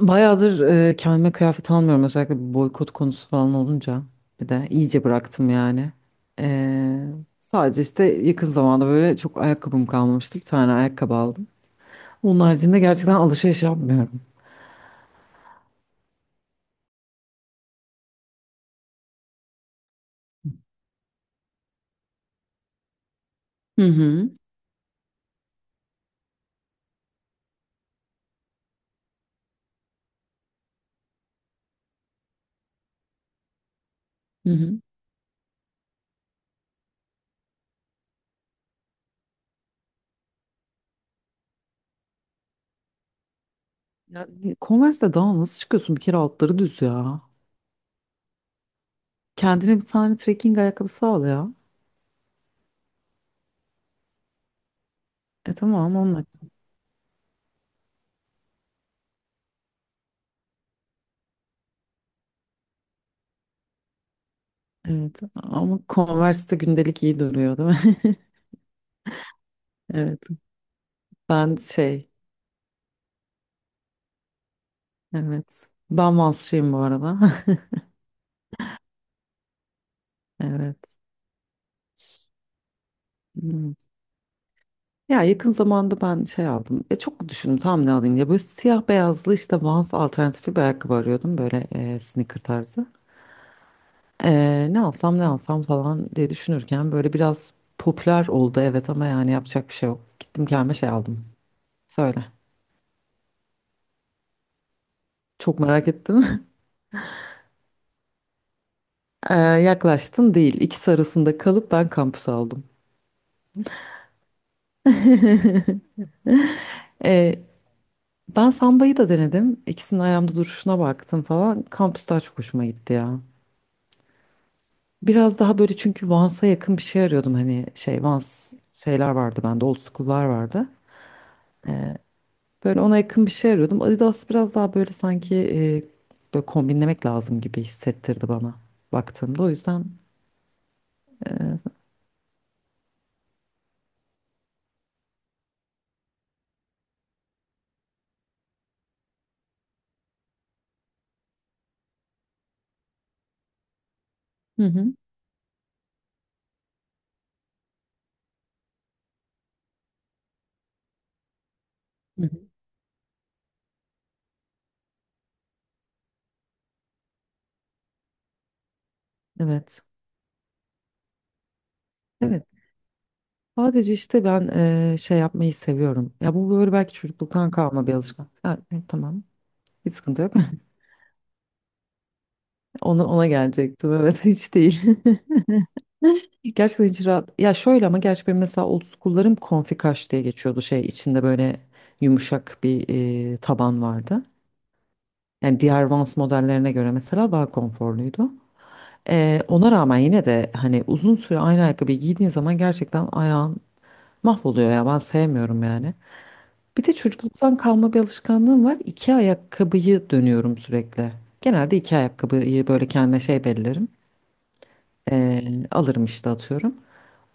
Bayağıdır kendime kıyafet almıyorum. Özellikle bu boykot konusu falan olunca. Bir de iyice bıraktım yani. E, Sadece işte yakın zamanda böyle çok ayakkabım kalmamıştı. Bir tane ayakkabı aldım. Onun haricinde gerçekten alışveriş yapmıyorum. Hı hı. Hı hı. Yani Converse'de daha nasıl çıkıyorsun? Bir kere altları düz ya. Kendine bir tane trekking ayakkabısı al ya. E tamam onunla. Evet ama Converse'de gündelik iyi duruyor değil mi? Evet. Ben şey evet. Ben Vansçıyım bu arada. Evet. evet. Ya yakın zamanda ben şey aldım. Ya çok düşündüm tam ne alayım ya. Böyle siyah beyazlı işte Vans alternatifi bir ayakkabı arıyordum. Böyle sneaker tarzı. Ne alsam ne alsam falan diye düşünürken böyle biraz popüler oldu evet ama yani yapacak bir şey yok. Gittim kendime şey aldım. Söyle. Çok merak ettim. Yaklaştın değil. İkisi arasında kalıp ben kampüs aldım. E, Ben Samba'yı da denedim. İkisinin ayağımda duruşuna baktım falan. Kampüs daha çok hoşuma gitti ya. Biraz daha böyle çünkü Vans'a yakın bir şey arıyordum hani şey Vans şeyler vardı bende old school'lar vardı. Böyle ona yakın bir şey arıyordum. Adidas biraz daha böyle sanki böyle kombinlemek lazım gibi hissettirdi bana baktığımda. O yüzden hı hı, hı hı, evet. Evet. Sadece işte ben şey yapmayı seviyorum. Ya bu böyle belki çocukluktan kalma bir alışkanlık. Ha, tamam. Hiç sıkıntı yok. Ona gelecektim. Evet hiç değil. Gerçekten hiç rahat. Ya şöyle ama gerçi benim mesela old school'larım konfikaş diye geçiyordu şey içinde böyle yumuşak bir taban vardı. Yani diğer Vans modellerine göre mesela daha konforluydu. Ona rağmen yine de hani uzun süre aynı ayakkabıyı giydiğin zaman gerçekten ayağın mahvoluyor ya ben sevmiyorum yani. Bir de çocukluktan kalma bir alışkanlığım var. İki ayakkabıyı dönüyorum sürekli. Genelde iki ayakkabıyı böyle kendime şey belirlerim. E, Alırım işte atıyorum.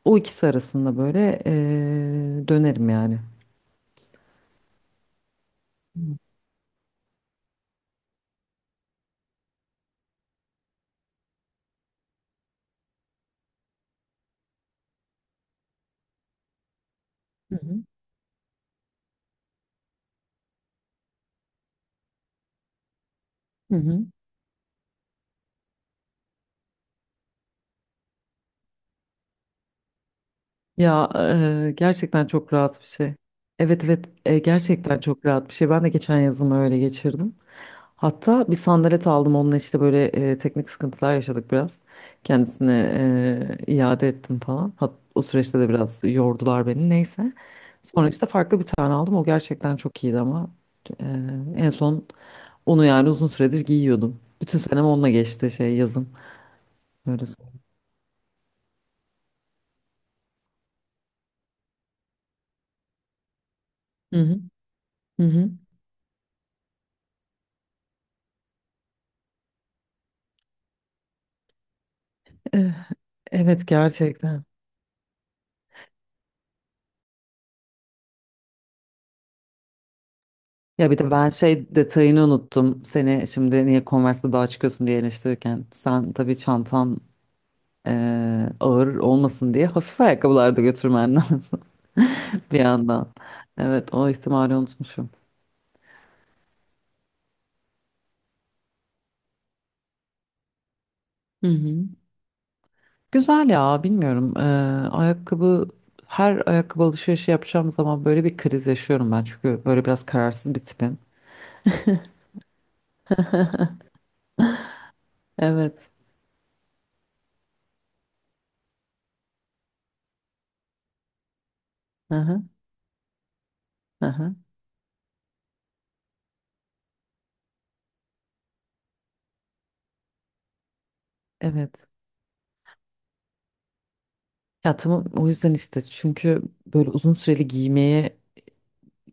O ikisi arasında böyle dönerim yani. Hı hı. Hı hı. Ya gerçekten çok rahat bir şey. Evet evet gerçekten çok rahat bir şey. Ben de geçen yazımı öyle geçirdim. Hatta bir sandalet aldım onunla işte böyle teknik sıkıntılar yaşadık biraz. Kendisine iade ettim falan. Hat o süreçte de biraz yordular beni neyse. Sonra işte farklı bir tane aldım. O gerçekten çok iyiydi ama e, en son onu yani uzun süredir giyiyordum. Bütün senem onunla geçti şey yazın. Öyle. Hı hı. Hı hı. Eh, Evet gerçekten. Ya bir de ben şey detayını unuttum. Seni şimdi niye Converse'de daha çıkıyorsun diye eleştirirken. Sen tabii çantan ağır olmasın diye hafif ayakkabılarda götürmen lazım bir yandan. Evet o ihtimali unutmuşum. Hı hı. Güzel ya bilmiyorum. Ayakkabı her ayakkabı alışverişi yapacağım zaman böyle bir kriz yaşıyorum ben. Çünkü böyle biraz kararsız bir tipim. Evet. Hı hı. Hı hı. Evet. Ya tamam o yüzden işte çünkü böyle uzun süreli giymeye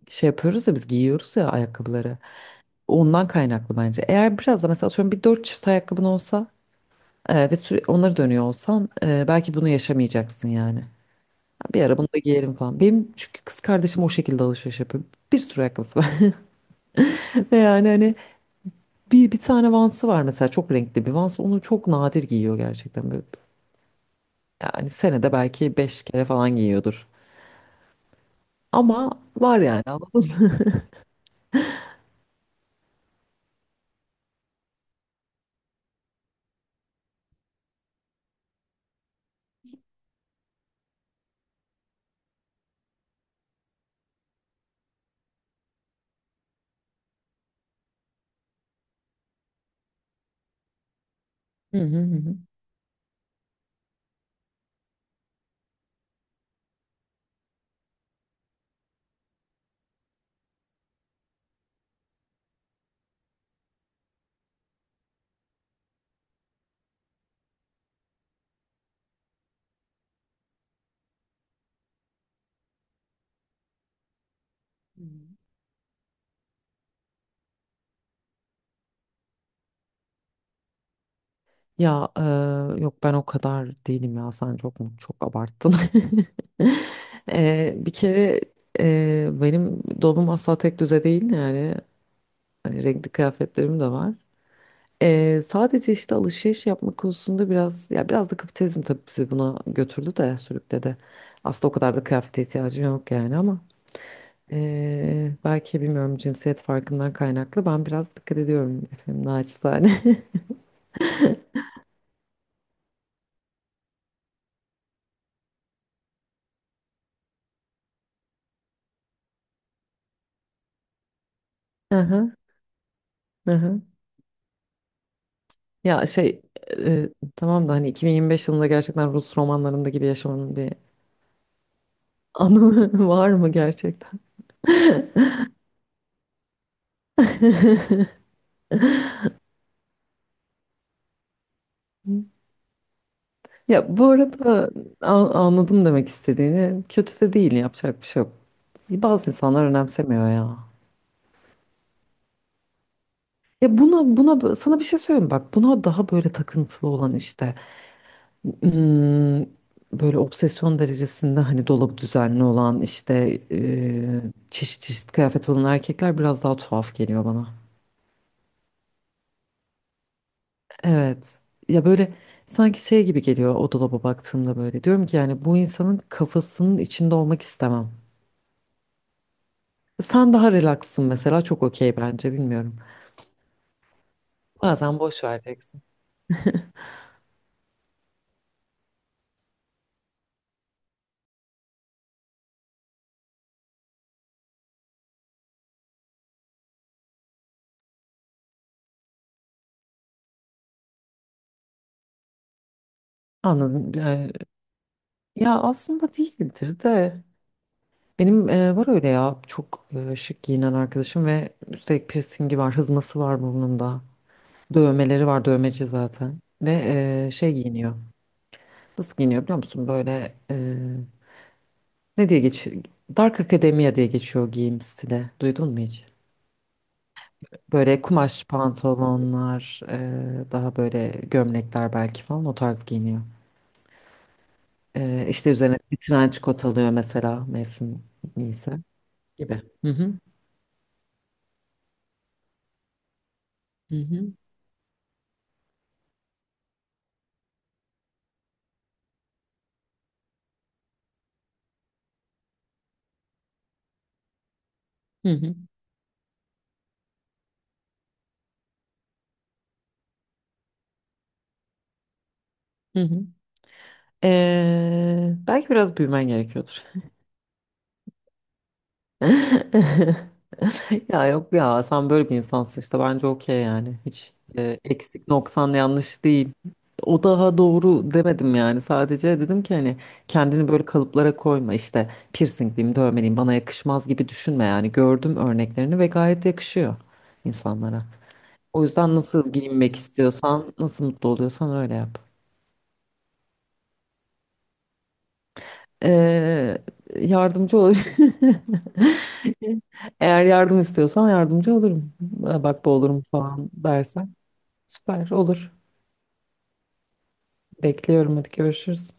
şey yapıyoruz ya biz giyiyoruz ya ayakkabıları. Ondan kaynaklı bence. Eğer biraz da mesela atıyorum bir dört çift ayakkabın olsa ve süre, onları dönüyor olsan belki bunu yaşamayacaksın yani. Bir ara bunu da giyelim falan. Benim çünkü kız kardeşim o şekilde alışveriş yapıyor. Bir sürü ayakkabısı var. Ve yani hani bir tane Vans'ı var mesela çok renkli bir Vans. Onu çok nadir giyiyor gerçekten. Böyle, yani senede belki beş kere falan giyiyordur. Ama var yani anladın mı? Hı hı hı. hı. Ya yok ben o kadar değilim ya sen çok mu çok abarttın. Bir kere benim dolabım asla tek düze değil yani hani renkli kıyafetlerim de var. Sadece işte alışveriş yapma konusunda biraz ya biraz da kapitalizm tabii bizi buna götürdü de sürükledi. Aslında o kadar da kıyafete ihtiyacım yok yani ama belki bilmiyorum cinsiyet farkından kaynaklı ben biraz dikkat ediyorum efendim naçizane. Aha, aha. Ya şey e, tamam da hani 2025 yılında gerçekten Rus romanlarında gibi yaşamanın bir anlamı var mı gerçekten? Ya bu arada anladım demek istediğini. Kötü de değil yapacak bir şey yok. Bazı insanlar önemsemiyor ya. Ya buna sana bir şey söyleyeyim mi? Bak buna daha böyle takıntılı olan işte hmm, böyle obsesyon derecesinde hani dolabı düzenli olan işte çeşit çeşit kıyafet olan erkekler biraz daha tuhaf geliyor bana. Evet. Ya böyle sanki şey gibi geliyor o dolaba baktığımda böyle. Diyorum ki yani bu insanın kafasının içinde olmak istemem. Sen daha relaxsın mesela çok okey bence bilmiyorum. Bazen boş vereceksin. Anladım. Yani, ya aslında değildir de. Benim var öyle ya çok şık giyinen arkadaşım ve üstelik piercingi var, hızması var burnunda. Dövmeleri var, dövmeci zaten. Ve şey giyiniyor. Nasıl giyiniyor biliyor musun? Böyle. Ne diye geçiyor? Dark Academia diye geçiyor giyim stili. Duydun mu hiç? Böyle kumaş pantolonlar, daha böyle gömlekler belki falan o tarz giyiniyor. İşte üzerine bir trench coat alıyor mesela mevsim neyse gibi. Hı hı. Hı hı. Hı hı. Hı hı. Belki biraz büyümen gerekiyordur. Ya yok ya sen böyle bir insansın işte bence okey yani hiç eksik noksan yanlış değil. O daha doğru demedim yani sadece dedim ki hani kendini böyle kalıplara koyma işte piercingliyim dövmeliyim bana yakışmaz gibi düşünme yani gördüm örneklerini ve gayet yakışıyor insanlara. O yüzden nasıl giyinmek istiyorsan nasıl mutlu oluyorsan öyle yap. Eee, Yardımcı olabilir. Eğer yardım istiyorsan yardımcı olurum. Bak bu olurum falan dersen. Süper olur. Bekliyorum hadi görüşürüz.